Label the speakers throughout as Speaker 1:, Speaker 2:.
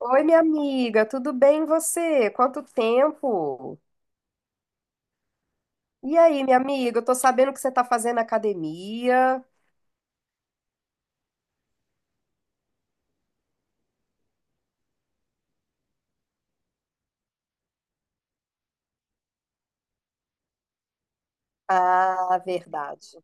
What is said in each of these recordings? Speaker 1: Oi, minha amiga, tudo bem e você? Quanto tempo? E aí, minha amiga, eu tô sabendo que você tá fazendo academia. Ah, verdade.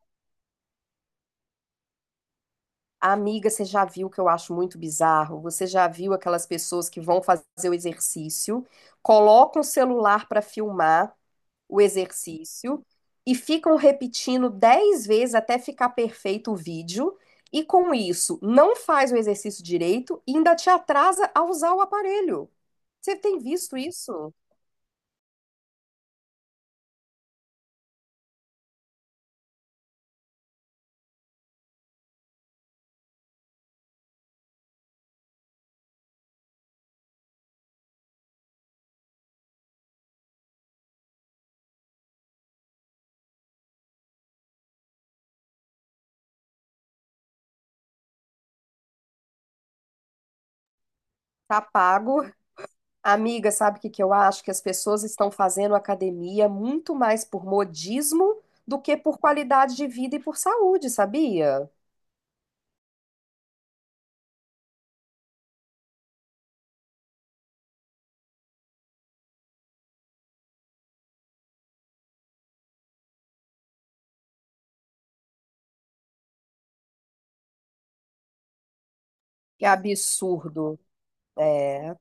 Speaker 1: Amiga, você já viu o que eu acho muito bizarro? Você já viu aquelas pessoas que vão fazer o exercício, colocam o celular pra filmar o exercício e ficam repetindo 10 vezes até ficar perfeito o vídeo. E com isso, não faz o exercício direito e ainda te atrasa a usar o aparelho. Você tem visto isso? Tá pago. Amiga, sabe o que que eu acho? Que as pessoas estão fazendo academia muito mais por modismo do que por qualidade de vida e por saúde, sabia? Que absurdo. É,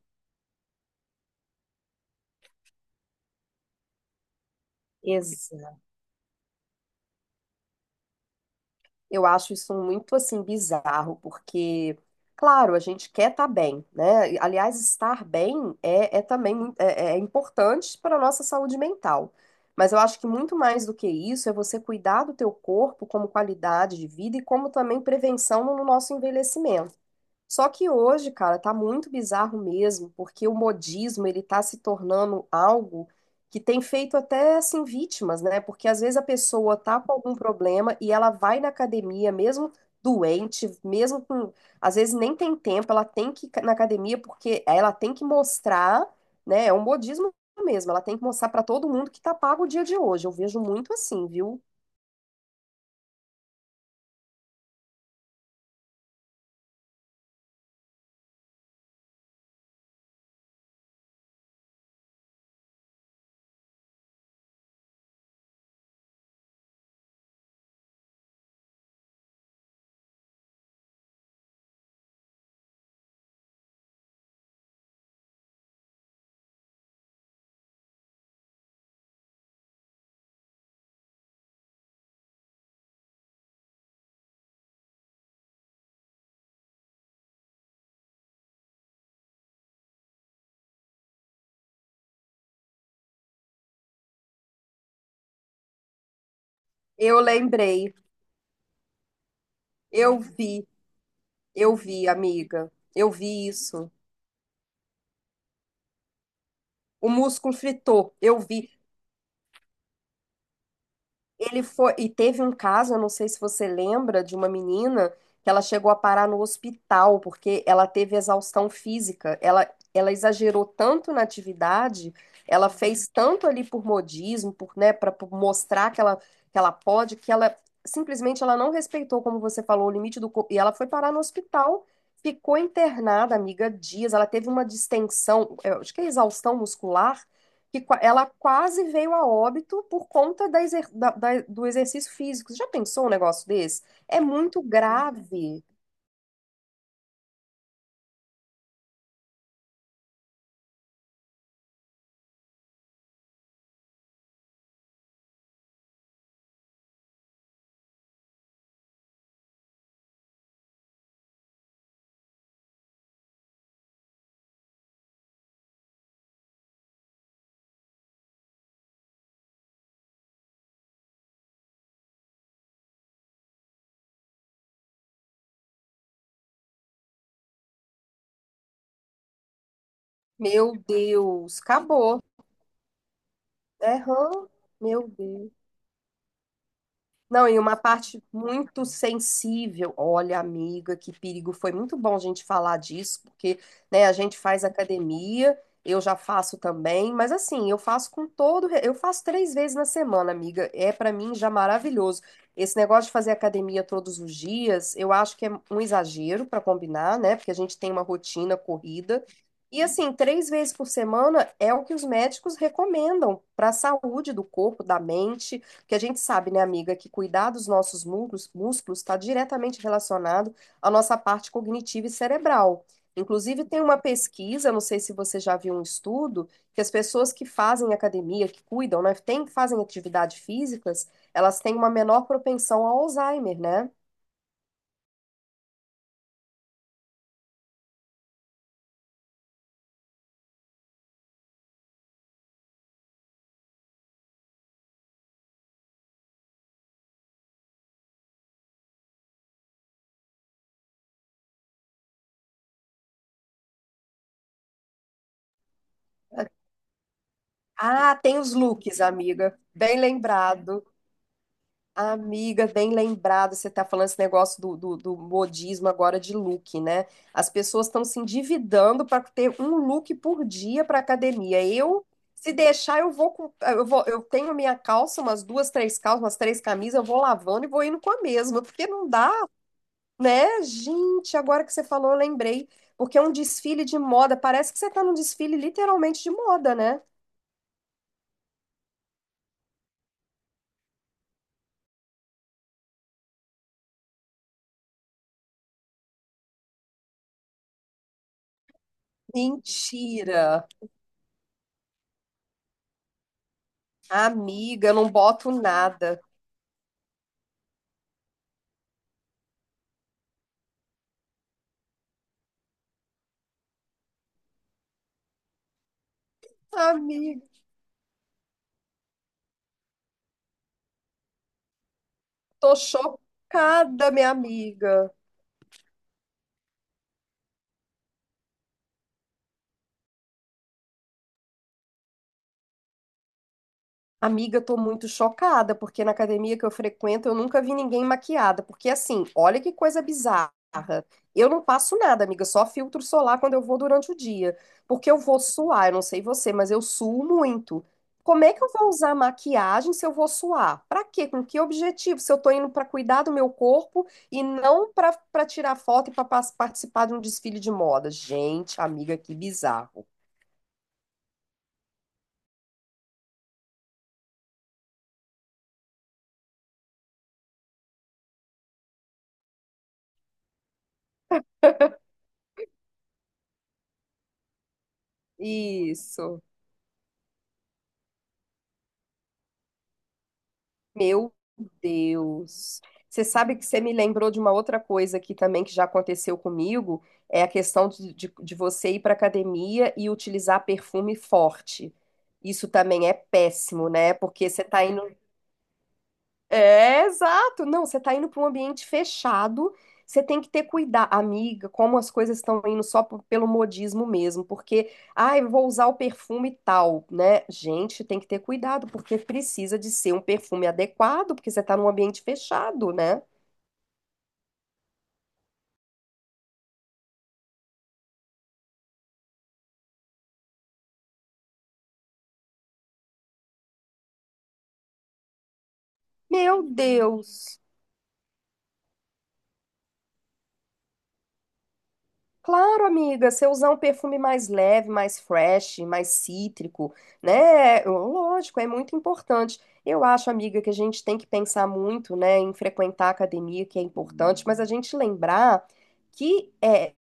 Speaker 1: eu acho isso muito assim bizarro, porque, claro, a gente quer estar bem, né? E, aliás, estar bem é também é importante para a nossa saúde mental. Mas eu acho que muito mais do que isso é você cuidar do teu corpo como qualidade de vida e como também prevenção no nosso envelhecimento. Só que hoje, cara, tá muito bizarro mesmo, porque o modismo, ele tá se tornando algo que tem feito até, assim, vítimas, né? Porque às vezes a pessoa tá com algum problema e ela vai na academia, mesmo doente, mesmo com... Às vezes nem tem tempo, ela tem que ir na academia porque ela tem que mostrar, né? É um modismo mesmo, ela tem que mostrar pra todo mundo que tá pago o dia de hoje. Eu vejo muito assim, viu? Eu lembrei, eu vi, eu vi, amiga, eu vi isso. O músculo fritou, eu vi. Ele foi. E teve um caso, eu não sei se você lembra, de uma menina que ela chegou a parar no hospital porque ela teve exaustão física. Ela exagerou tanto na atividade, ela fez tanto ali por modismo, por, né, para mostrar que ela pode, que ela simplesmente ela não respeitou, como você falou, o limite do corpo. E ela foi parar no hospital. Ficou internada, amiga, dias. Ela teve uma distensão, eu acho que é exaustão muscular, que ela quase veio a óbito por conta da exer- da- da- do exercício físico. Você já pensou um negócio desse? É muito grave. Meu Deus, acabou. Aham, meu Deus. Não, e uma parte muito sensível. Olha, amiga, que perigo. Foi muito bom a gente falar disso, porque, né, a gente faz academia, eu já faço também, mas assim, eu faço com todo, eu faço 3 vezes na semana, amiga. É pra mim já maravilhoso. Esse negócio de fazer academia todos os dias, eu acho que é um exagero para combinar, né? Porque a gente tem uma rotina corrida. E assim, 3 vezes por semana é o que os médicos recomendam para a saúde do corpo, da mente. Porque a gente sabe, né, amiga, que cuidar dos nossos músculos está diretamente relacionado à nossa parte cognitiva e cerebral. Inclusive, tem uma pesquisa, não sei se você já viu um estudo, que as pessoas que fazem academia, que cuidam, né, tem, fazem atividade físicas, elas têm uma menor propensão ao Alzheimer, né? Ah, tem os looks, amiga. Bem lembrado. Amiga, bem lembrado, você está falando esse negócio do modismo agora de look, né? As pessoas estão se endividando para ter um look por dia para academia. Eu, se deixar, eu vou, eu tenho a minha calça, umas duas, três calças, umas três camisas, eu vou lavando e vou indo com a mesma, porque não dá, né? Gente, agora que você falou, eu lembrei, porque é um desfile de moda, parece que você está num desfile literalmente de moda, né? Mentira, amiga, eu não boto nada. Amiga. Tô chocada, minha amiga. Amiga, tô muito chocada, porque na academia que eu frequento eu nunca vi ninguém maquiada. Porque assim, olha que coisa bizarra. Eu não passo nada, amiga, só filtro solar quando eu vou durante o dia. Porque eu vou suar, eu não sei você, mas eu suo muito. Como é que eu vou usar maquiagem se eu vou suar? Pra quê? Com que objetivo? Se eu tô indo pra cuidar do meu corpo e não pra para tirar foto e pra participar de um desfile de moda. Gente, amiga, que bizarro. Isso. Meu Deus. Você sabe que você me lembrou de uma outra coisa aqui também que já aconteceu comigo, é a questão de você ir para academia e utilizar perfume forte. Isso também é péssimo, né? Porque você está indo é, exato. Não, você tá indo para um ambiente fechado, você tem que ter cuidado, amiga, como as coisas estão indo só pelo modismo mesmo, porque, ai, eu vou usar o perfume tal, né? Gente, tem que ter cuidado, porque precisa de ser um perfume adequado, porque você tá num ambiente fechado, né? Meu Deus. Claro, amiga, você usar um perfume mais leve, mais fresh, mais cítrico, né? Lógico, é muito importante. Eu acho, amiga, que a gente tem que pensar muito, né, em frequentar a academia, que é importante, mas que é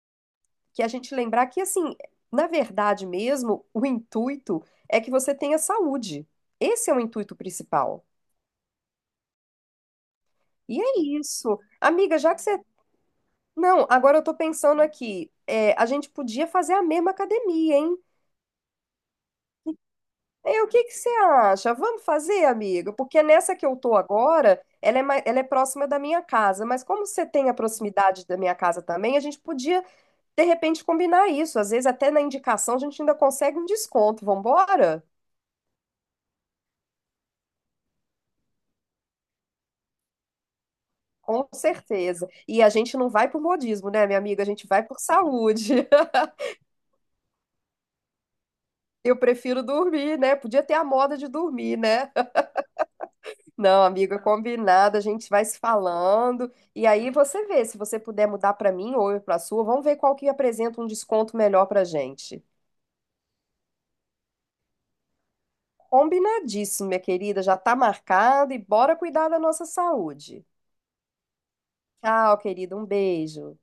Speaker 1: a gente lembrar que assim, na verdade mesmo, o intuito é que você tenha saúde. Esse é o intuito principal. E é isso. Amiga, já que você Não, agora eu tô pensando aqui, é, a gente podia fazer a mesma academia, hein? Ei, o que que você acha? Vamos fazer, amiga? Porque nessa que eu tô agora, ela é, ela é próxima da minha casa, mas como você tem a proximidade da minha casa também, a gente podia, de repente, combinar isso. Às vezes, até na indicação, a gente ainda consegue um desconto. Vambora? Com certeza. E a gente não vai por modismo, né, minha amiga? A gente vai por saúde. Eu prefiro dormir, né? Podia ter a moda de dormir, né? Não, amiga, combinado. A gente vai se falando. E aí você vê, se você puder mudar para mim ou eu para sua, vamos ver qual que apresenta um desconto melhor para gente. Combinadíssimo, minha querida. Já tá marcado e bora cuidar da nossa saúde. Tchau, querida. Um beijo.